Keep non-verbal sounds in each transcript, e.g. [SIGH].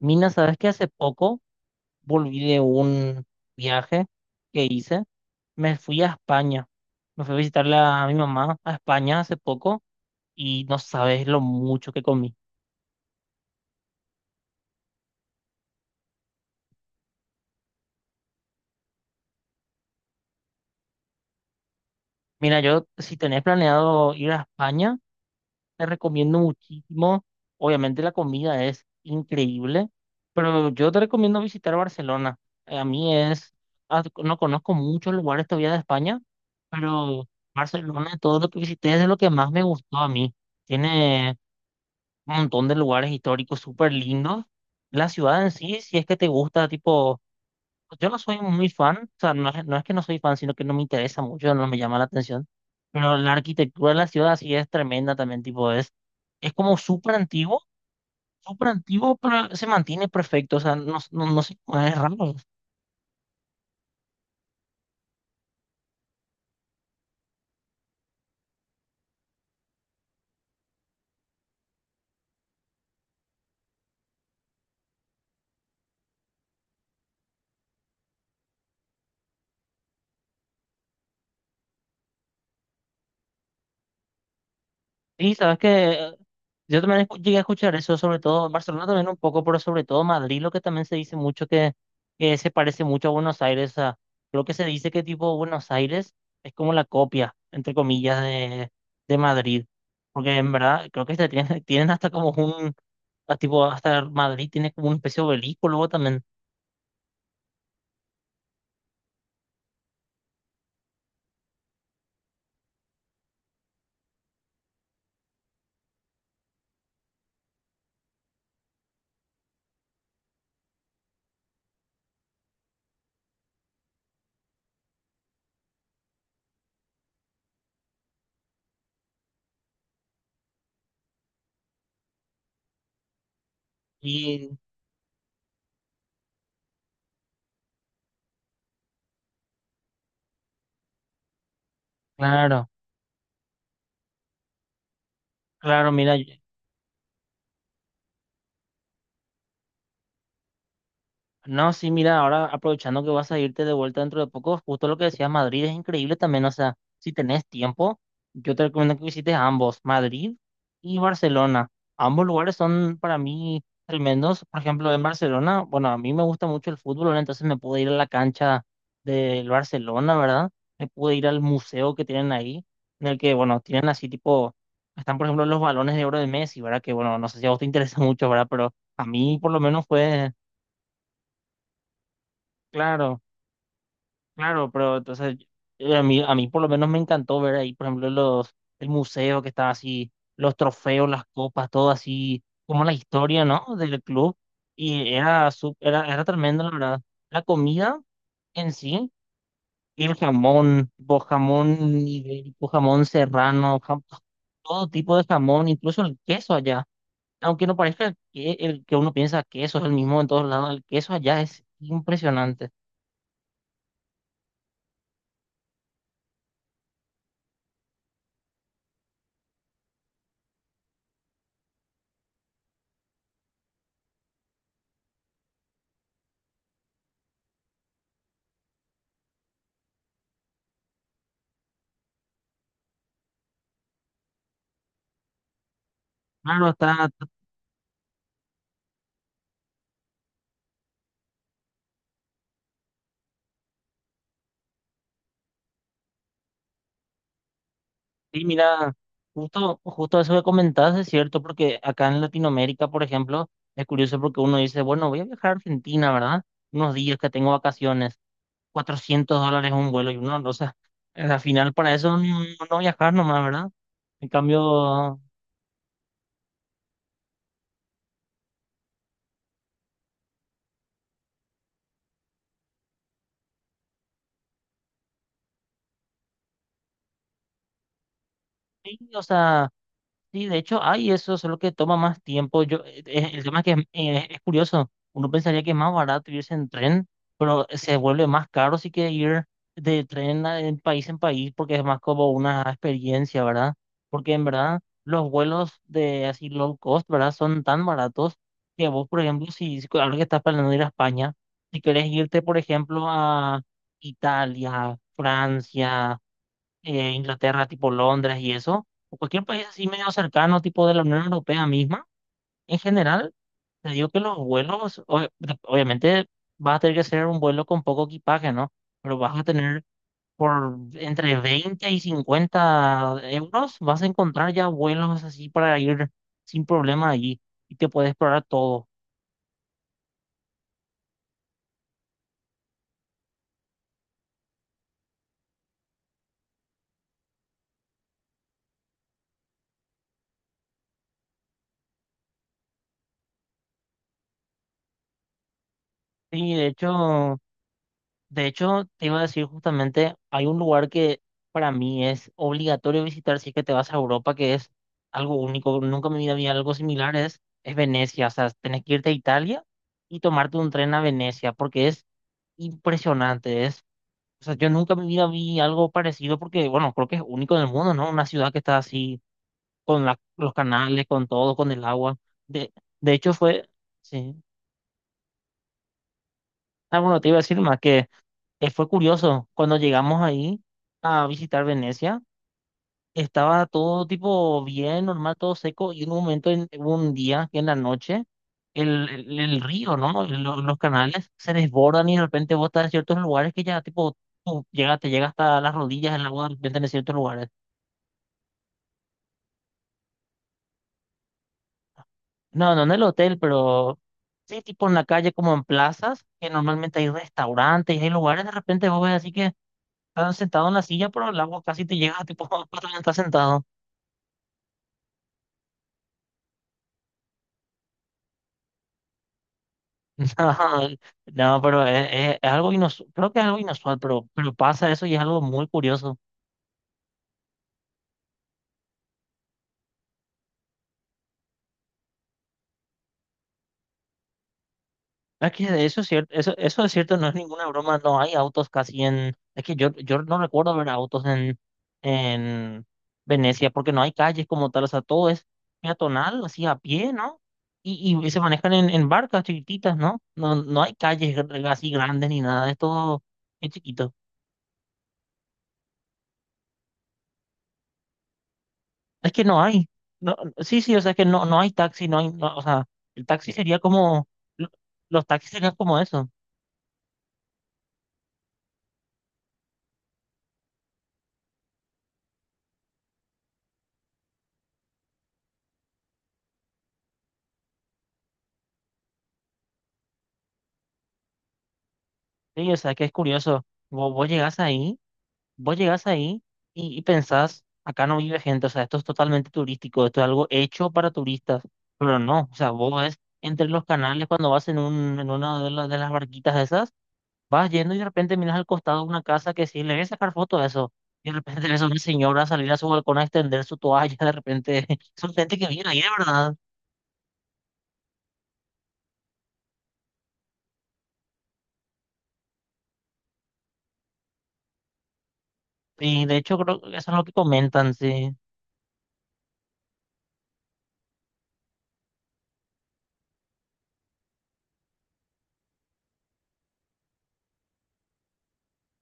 Mina, ¿sabes que hace poco volví de un viaje que hice? Me fui a España. Me fui a visitar a mi mamá a España hace poco y no sabes lo mucho que comí. Mira, yo, si tenés planeado ir a España, te recomiendo muchísimo. Obviamente la comida es increíble, pero yo te recomiendo visitar Barcelona. A mí es, ah, No conozco muchos lugares todavía de España, pero Barcelona, todo lo que visité es de lo que más me gustó a mí. Tiene un montón de lugares históricos súper lindos. La ciudad en sí, si es que te gusta, tipo, pues, yo no soy muy fan, o sea, no es que no soy fan, sino que no me interesa mucho, no me llama la atención. Pero la arquitectura de la ciudad sí es tremenda también, tipo, es como súper antiguo, pero se mantiene perfecto, o sea, no, no, no sé, es raro. Sí, sabes que yo también llegué a escuchar eso, sobre todo en Barcelona también un poco, pero sobre todo Madrid, lo que también se dice mucho que se parece mucho a Buenos Aires. O sea, creo que se dice que tipo Buenos Aires es como la copia, entre comillas, de Madrid. Porque en verdad creo que se tienen, [LAUGHS] tienen hasta como un, a tipo, hasta Madrid tiene como un especie de obelisco luego también. Y claro, claro, mira, no, sí, mira, ahora aprovechando que vas a irte de vuelta dentro de poco, justo lo que decías, Madrid es increíble también, o sea, si tenés tiempo, yo te recomiendo que visites ambos, Madrid y Barcelona. Ambos lugares son para mí tremendos, por ejemplo, en Barcelona, bueno, a mí me gusta mucho el fútbol, ¿verdad? Entonces me pude ir a la cancha del Barcelona, ¿verdad? Me pude ir al museo que tienen ahí, en el que, bueno, tienen así tipo, están por ejemplo los balones de oro de Messi, ¿verdad? Que, bueno, no sé si a vos te interesa [LAUGHS] mucho, ¿verdad? Pero a mí por lo menos fue, claro. Claro, pero entonces a mí por lo menos me encantó ver ahí, por ejemplo, los, el museo que estaba así, los trofeos, las copas, todo así, como la historia, ¿no? Del club. Y era tremendo, la verdad. La comida en sí, y el jamón, tipo jamón ibérico, jamón serrano, todo tipo de jamón, incluso el queso allá. Aunque no parezca, que, el, que uno piensa que eso es el mismo en todos lados, el queso allá es impresionante. Claro, está Sí, mira, justo eso que comentabas es cierto, porque acá en Latinoamérica, por ejemplo, es curioso porque uno dice, bueno, voy a viajar a Argentina, ¿verdad? Unos días que tengo vacaciones, $400 un vuelo y uno, o sea, al final para eso no, no viajar nomás, ¿verdad? En cambio, sí, o sea. Sí, de hecho, hay eso, solo que toma más tiempo. Yo, el tema es que es curioso. Uno pensaría que es más barato irse en tren, pero se vuelve más caro si que ir de tren en país, porque es más como una experiencia, ¿verdad? Porque en verdad los vuelos de así low cost, ¿verdad? Son tan baratos que vos, por ejemplo, si ahora que estás planeando ir a España, si querés irte, por ejemplo, a Italia, Francia, Inglaterra, tipo Londres y eso, o cualquier país así medio cercano, tipo de la Unión Europea misma, en general, te digo que los vuelos, obviamente vas a tener que hacer un vuelo con poco equipaje, ¿no? Pero vas a tener por entre 20 y 50 euros, vas a encontrar ya vuelos así para ir sin problema allí y te puedes explorar todo. Y de hecho, De hecho, te iba a decir justamente, hay un lugar que para mí es obligatorio visitar si es que te vas a Europa, que es algo único. Nunca en mi vida había algo similar, es Venecia. O sea, tenés que irte a Italia y tomarte un tren a Venecia, porque es impresionante. Es, o sea, yo nunca en mi vida vi algo parecido, porque, bueno, creo que es único en el mundo, ¿no? Una ciudad que está así, con los canales, con todo, con el agua. De, de hecho, fue, sí. Ah, bueno, te iba a decir más que. Fue curioso, cuando llegamos ahí a visitar Venecia, estaba todo tipo bien, normal, todo seco, y en un momento, hubo un día, que en la noche, el río, ¿no? Los canales se desbordan y de repente vos estás en ciertos lugares que ya tipo, te llega hasta las rodillas el agua de repente en ciertos lugares. No, no en el hotel, pero sí, tipo en la calle, como en plazas, que normalmente hay restaurantes y hay lugares, de repente vos ves así que estás sentado en la silla, pero el agua casi te llega, tipo, [LAUGHS] cuando estás sentado. No, no, pero es algo inusual, creo que es algo inusual, pero pasa eso y es algo muy curioso. Es que eso es cierto, eso es cierto, no es ninguna broma, no hay autos casi es que yo no recuerdo ver autos en Venecia, porque no hay calles como tal, o sea, todo es peatonal, así a pie, ¿no? Y se manejan en barcas chiquititas, ¿no? No, no hay calles así grandes ni nada, es todo es chiquito. Es que no hay. No, sí, sí, o sea, es que no, no hay taxi, no hay, no, o sea, el taxi sería como, lo- los taxis serían como eso. Sí, o sea, que es curioso. Vos, vos llegás ahí, vos llegás ahí y pensás, acá no vive gente, o sea, esto es totalmente turístico, esto es algo hecho para turistas, pero no, o sea, vos ves entre los canales cuando vas en una de las barquitas esas. Vas yendo y de repente miras al costado una casa que sí, le voy a sacar foto a eso. Y de repente ves a una señora salir a su balcón a extender su toalla, de repente [LAUGHS] son gente que viene ahí de verdad. Y de hecho creo que eso es lo que comentan, sí.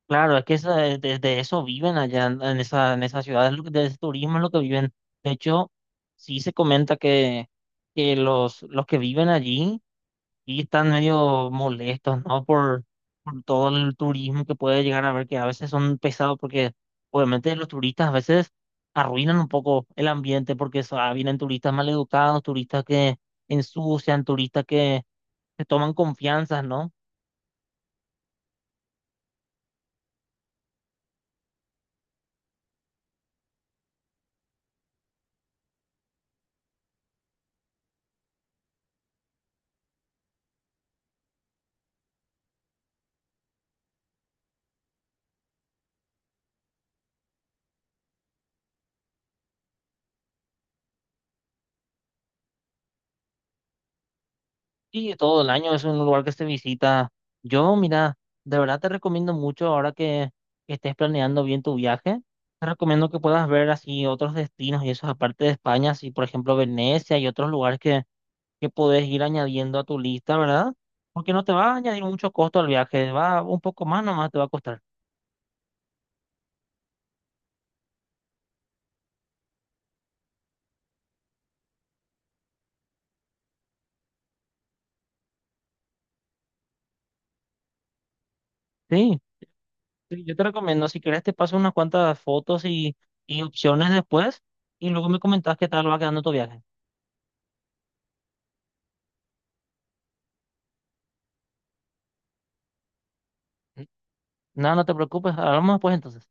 Claro, es que de eso viven allá en esa ciudad, de ese turismo es lo que viven. De hecho, sí se comenta que los que viven allí y están medio molestos, ¿no? Por todo el turismo que puede llegar a haber, que a veces son pesados porque obviamente los turistas a veces arruinan un poco el ambiente porque vienen turistas maleducados, turistas que ensucian, turistas que se toman confianzas, ¿no? Y todo el año es un lugar que se visita. Yo, mira, de verdad te recomiendo mucho ahora que estés planeando bien tu viaje. Te recomiendo que puedas ver así otros destinos y eso aparte de España, así por ejemplo Venecia y otros lugares que podés ir añadiendo a tu lista, ¿verdad? Porque no te va a añadir mucho costo al viaje, va un poco más nomás te va a costar. Sí, sí, yo te recomiendo, si querés te paso unas cuantas fotos y opciones después y luego me comentás qué tal va quedando tu viaje. Nada, no te preocupes, hablamos después entonces.